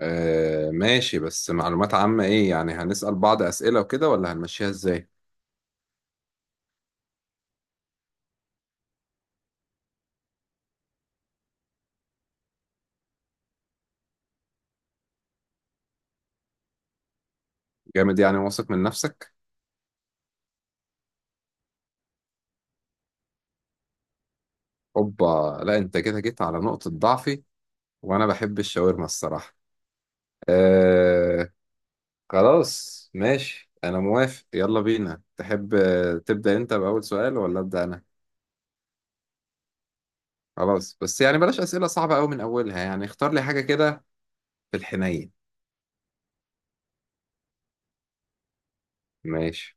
آه ماشي. بس معلومات عامة ايه يعني؟ هنسأل بعض أسئلة وكده ولا هنمشيها ازاي؟ جامد، يعني واثق من نفسك. اوبا، لا انت كده جيت على نقطة ضعفي وانا بحب الشاورما الصراحة. آه خلاص ماشي، انا موافق. يلا بينا، تحب تبدأ انت بأول سؤال ولا أبدأ انا؟ خلاص، بس يعني بلاش أسئلة صعبة قوي من اولها، يعني اختار لي حاجة كده في الحنين. ماشي.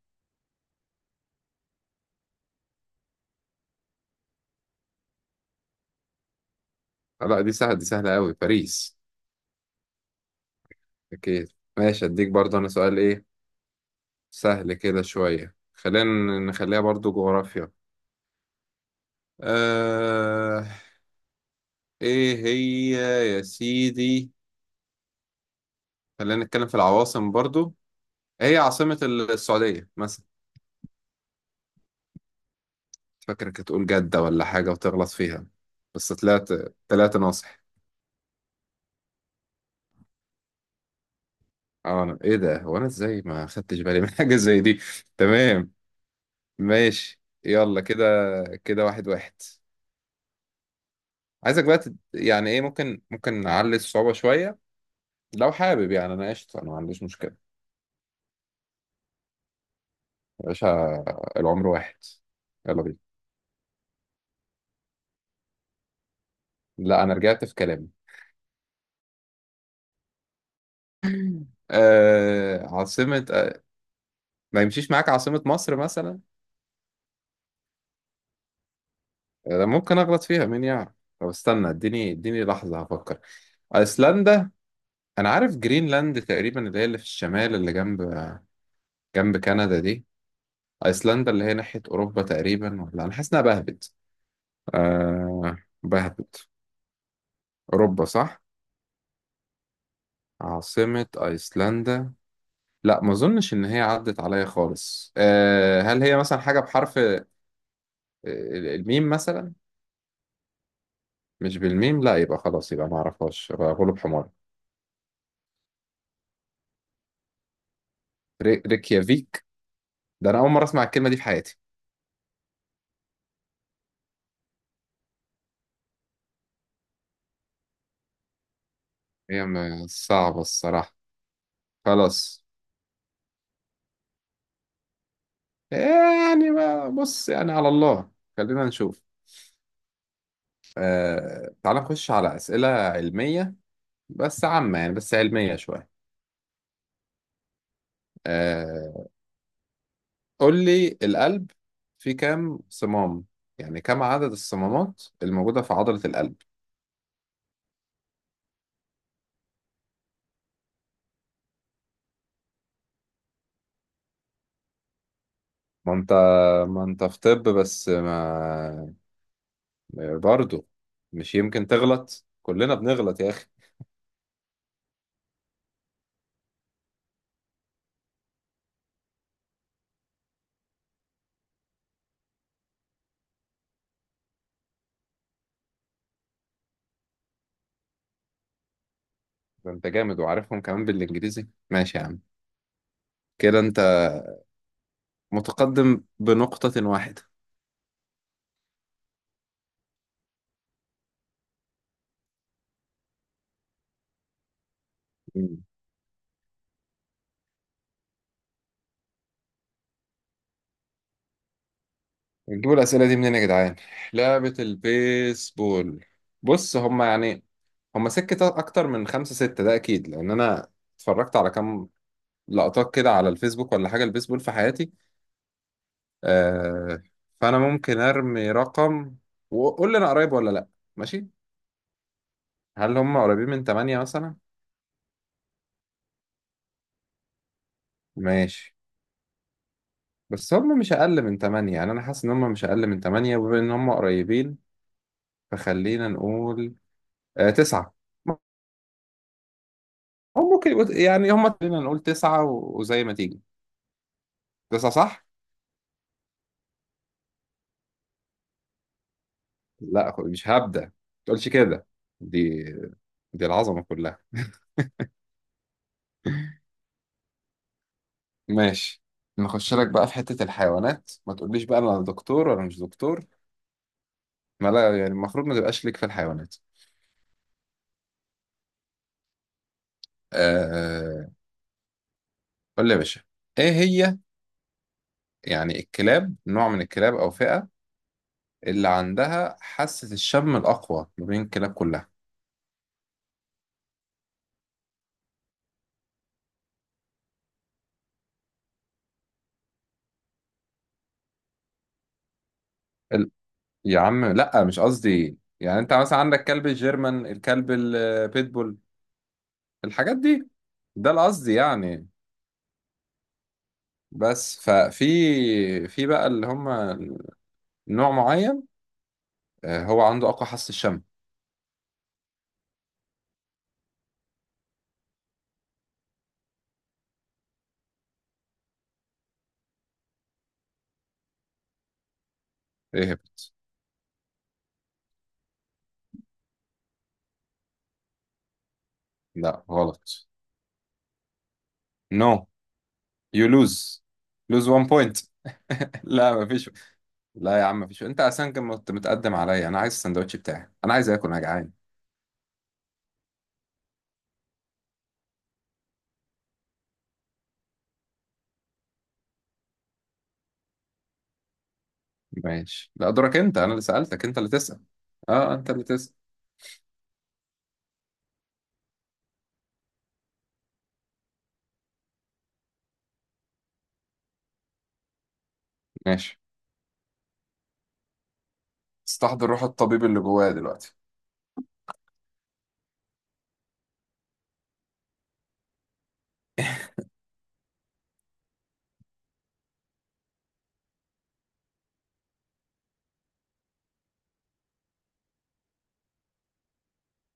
لا دي سهلة، دي سهلة قوي، باريس. اكيد. ماشي، اديك برضه انا سؤال ايه؟ سهل كده شوية، خلينا نخليها برضو جغرافيا. آه، ايه هي، يا سيدي، خلينا نتكلم في العواصم برضو. إيه هي عاصمة السعودية مثلا؟ فاكرك هتقول جدة ولا حاجة وتغلط فيها، بس طلعت، طلعت ناصح. اه ايه ده، هو انا ازاي ما خدتش بالي من حاجة زي دي؟ تمام ماشي، يلا كده، كده واحد واحد. عايزك بقى يعني ايه، ممكن نعلي الصعوبة شوية لو حابب. يعني انا قشطة، انا ما عنديش مشكلة. يا باشا، العمر واحد. يلا بينا. لا انا رجعت في كلامي. آه، عاصمة ما يمشيش معاك عاصمة مصر مثلا؟ آه، ممكن اغلط فيها، مين يعرف. طب استنى، اديني لحظة هفكر. ايسلندا. انا عارف جرينلاند تقريبا، اللي هي اللي في الشمال اللي جنب جنب كندا دي. ايسلندا اللي هي ناحية اوروبا تقريبا، ولا انا حاسس انها بهبت. آه بهبت. اوروبا، صح؟ عاصمة ايسلندا، لا ما اظنش ان هي عدت عليا خالص. أه، هل هي مثلا حاجه بحرف الميم مثلا؟ مش بالميم، لا يبقى خلاص، يبقى ما اعرفهاش، يبقى غلب حمار. ريكيافيك. ده انا اول مره اسمع الكلمه دي في حياتي. هي صعبه الصراحه. خلاص، يعني ما بص، يعني على الله، خلينا نشوف. أه، تعال نخش على اسئله علميه، بس عامه يعني، بس علميه شويه. أه، قول لي القلب فيه كام صمام؟ يعني كم عدد الصمامات الموجودة في عضلة القلب؟ ما انت، ما انت في طب، بس ما برضه مش يمكن تغلط، كلنا بنغلط يا اخي. ده انت جامد وعارفهم كمان بالانجليزي، ماشي يا عم. كده انت متقدم بنقطة واحدة. مم. نجيبوا الأسئلة دي منين يا جدعان؟ لعبة البيسبول. بص، هما يعني، هما سكة أكتر من خمسة ستة، ده أكيد، لأن أنا اتفرجت على كام لقطات كده على الفيسبوك ولا حاجة البيسبول في حياتي. آه، فأنا ممكن أرمي رقم وقول لي أنا قريب ولا لأ؟ ماشي. هل هم قريبين من تمانية مثلا؟ ماشي، بس هم مش أقل من تمانية، يعني أنا حاسس إن هم مش أقل من تمانية، وبما إن هم قريبين فخلينا نقول آه تسعة. هم يعني هم خلينا نقول تسعة وزي ما تيجي. تسعة صح؟ لا مش هبدأ، ما تقولش كده، دي دي العظمة كلها. ماشي، نخش لك بقى في حتة الحيوانات، ما تقوليش بقى انا دكتور ولا مش دكتور، ما لا، يعني المفروض ما تبقاش ليك في الحيوانات. آه، قول لي يا باشا، ايه هي يعني الكلاب، نوع من الكلاب او فئة اللي عندها حاسة الشم الاقوى ما بين الكلاب كلها؟ ال... يا عم لا، مش قصدي، يعني انت مثلا عندك كلب الجيرمان، الكلب البيتبول، الحاجات دي، ده القصد يعني. بس ففي، في بقى اللي هم نوع معين، آه، هو عنده اقوى حاسة الشم. اهبط. لا غلط. نو يو لوز. لوز 1 بوينت. لا مفيش، لا يا عم مفيش، انت اصلا كنت متقدم عليا، انا عايز السندوتش بتاعي، انا عايز اكل، انا جعان. ماشي، لا دورك انت، انا اللي سألتك انت اللي تسأل. اه انت اللي تسأل. ماشي، استحضر روح الطبيب اللي جوايا دلوقتي.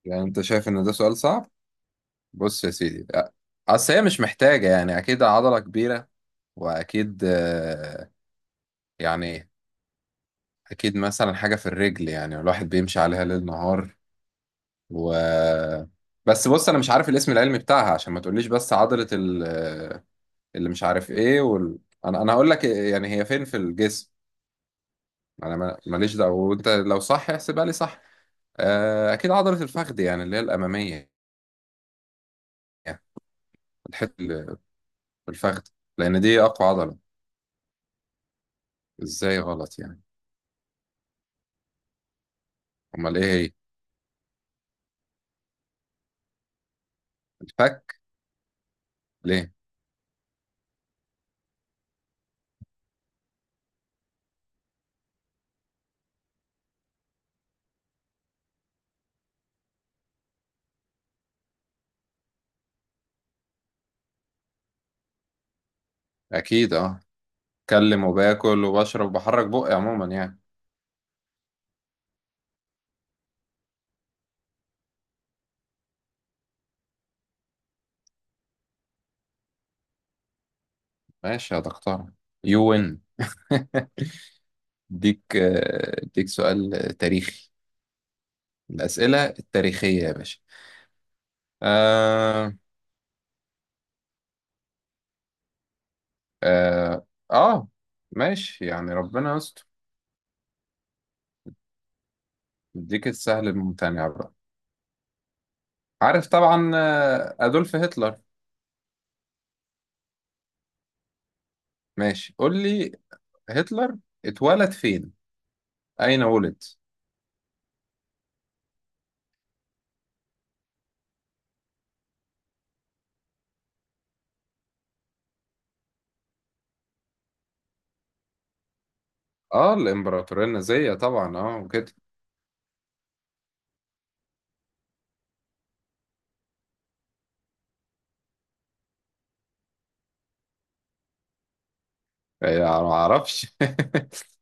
يعني انت شايف ان ده سؤال صعب؟ بص يا سيدي اصل هي مش محتاجة، يعني اكيد عضلة كبيرة واكيد يعني اكيد مثلا حاجة في الرجل، يعني الواحد بيمشي عليها ليل نهار و بس. بص انا مش عارف الاسم العلمي بتاعها، عشان ما تقوليش بس عضلة ال... اللي مش عارف ايه وال... انا هقول لك يعني هي فين في الجسم، انا ماليش دعوة، وانت لو صح احسبها لي صح. آه، اكيد عضلة الفخذ، يعني اللي هي الامامية، يعني الحتة اللي في الفخذ، لان دي اقوى عضلة. ازاي غلط يعني؟ امال ايه هي؟ الفك؟ ليه؟ اكيد اه، اتكلم وباكل وبشرب وبحرك بقي عموما يعني. ماشي يا دكتور. يو وين. اديك اديك سؤال تاريخي. الأسئلة التاريخية يا باشا. آه، آه, آه ماشي، يعني ربنا يستر. اديك السهل الممتنع بقى. عارف طبعا آه، أدولف هتلر؟ ماشي قول لي، هتلر اتولد فين؟ أين ولد؟ آه الإمبراطورية النازية طبعا آه وكده. آه، يعني ما أعرفش.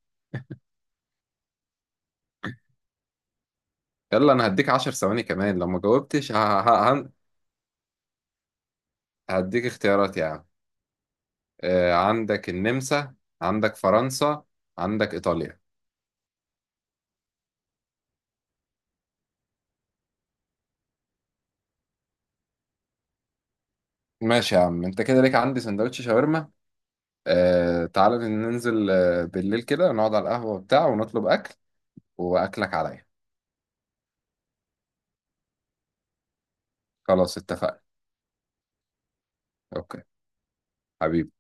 يلا أنا هديك عشر ثواني كمان لو ما جاوبتش ه- هن- هديك اختيارات يعني. آه، عندك النمسا، عندك فرنسا، عندك إيطاليا. ماشي يا عم، انت كده ليك عندي سندوتش شاورما. آه تعالى ننزل بالليل كده، نقعد على القهوة بتاع ونطلب أكل وأكلك عليا. خلاص اتفقنا. أوكي حبيبي.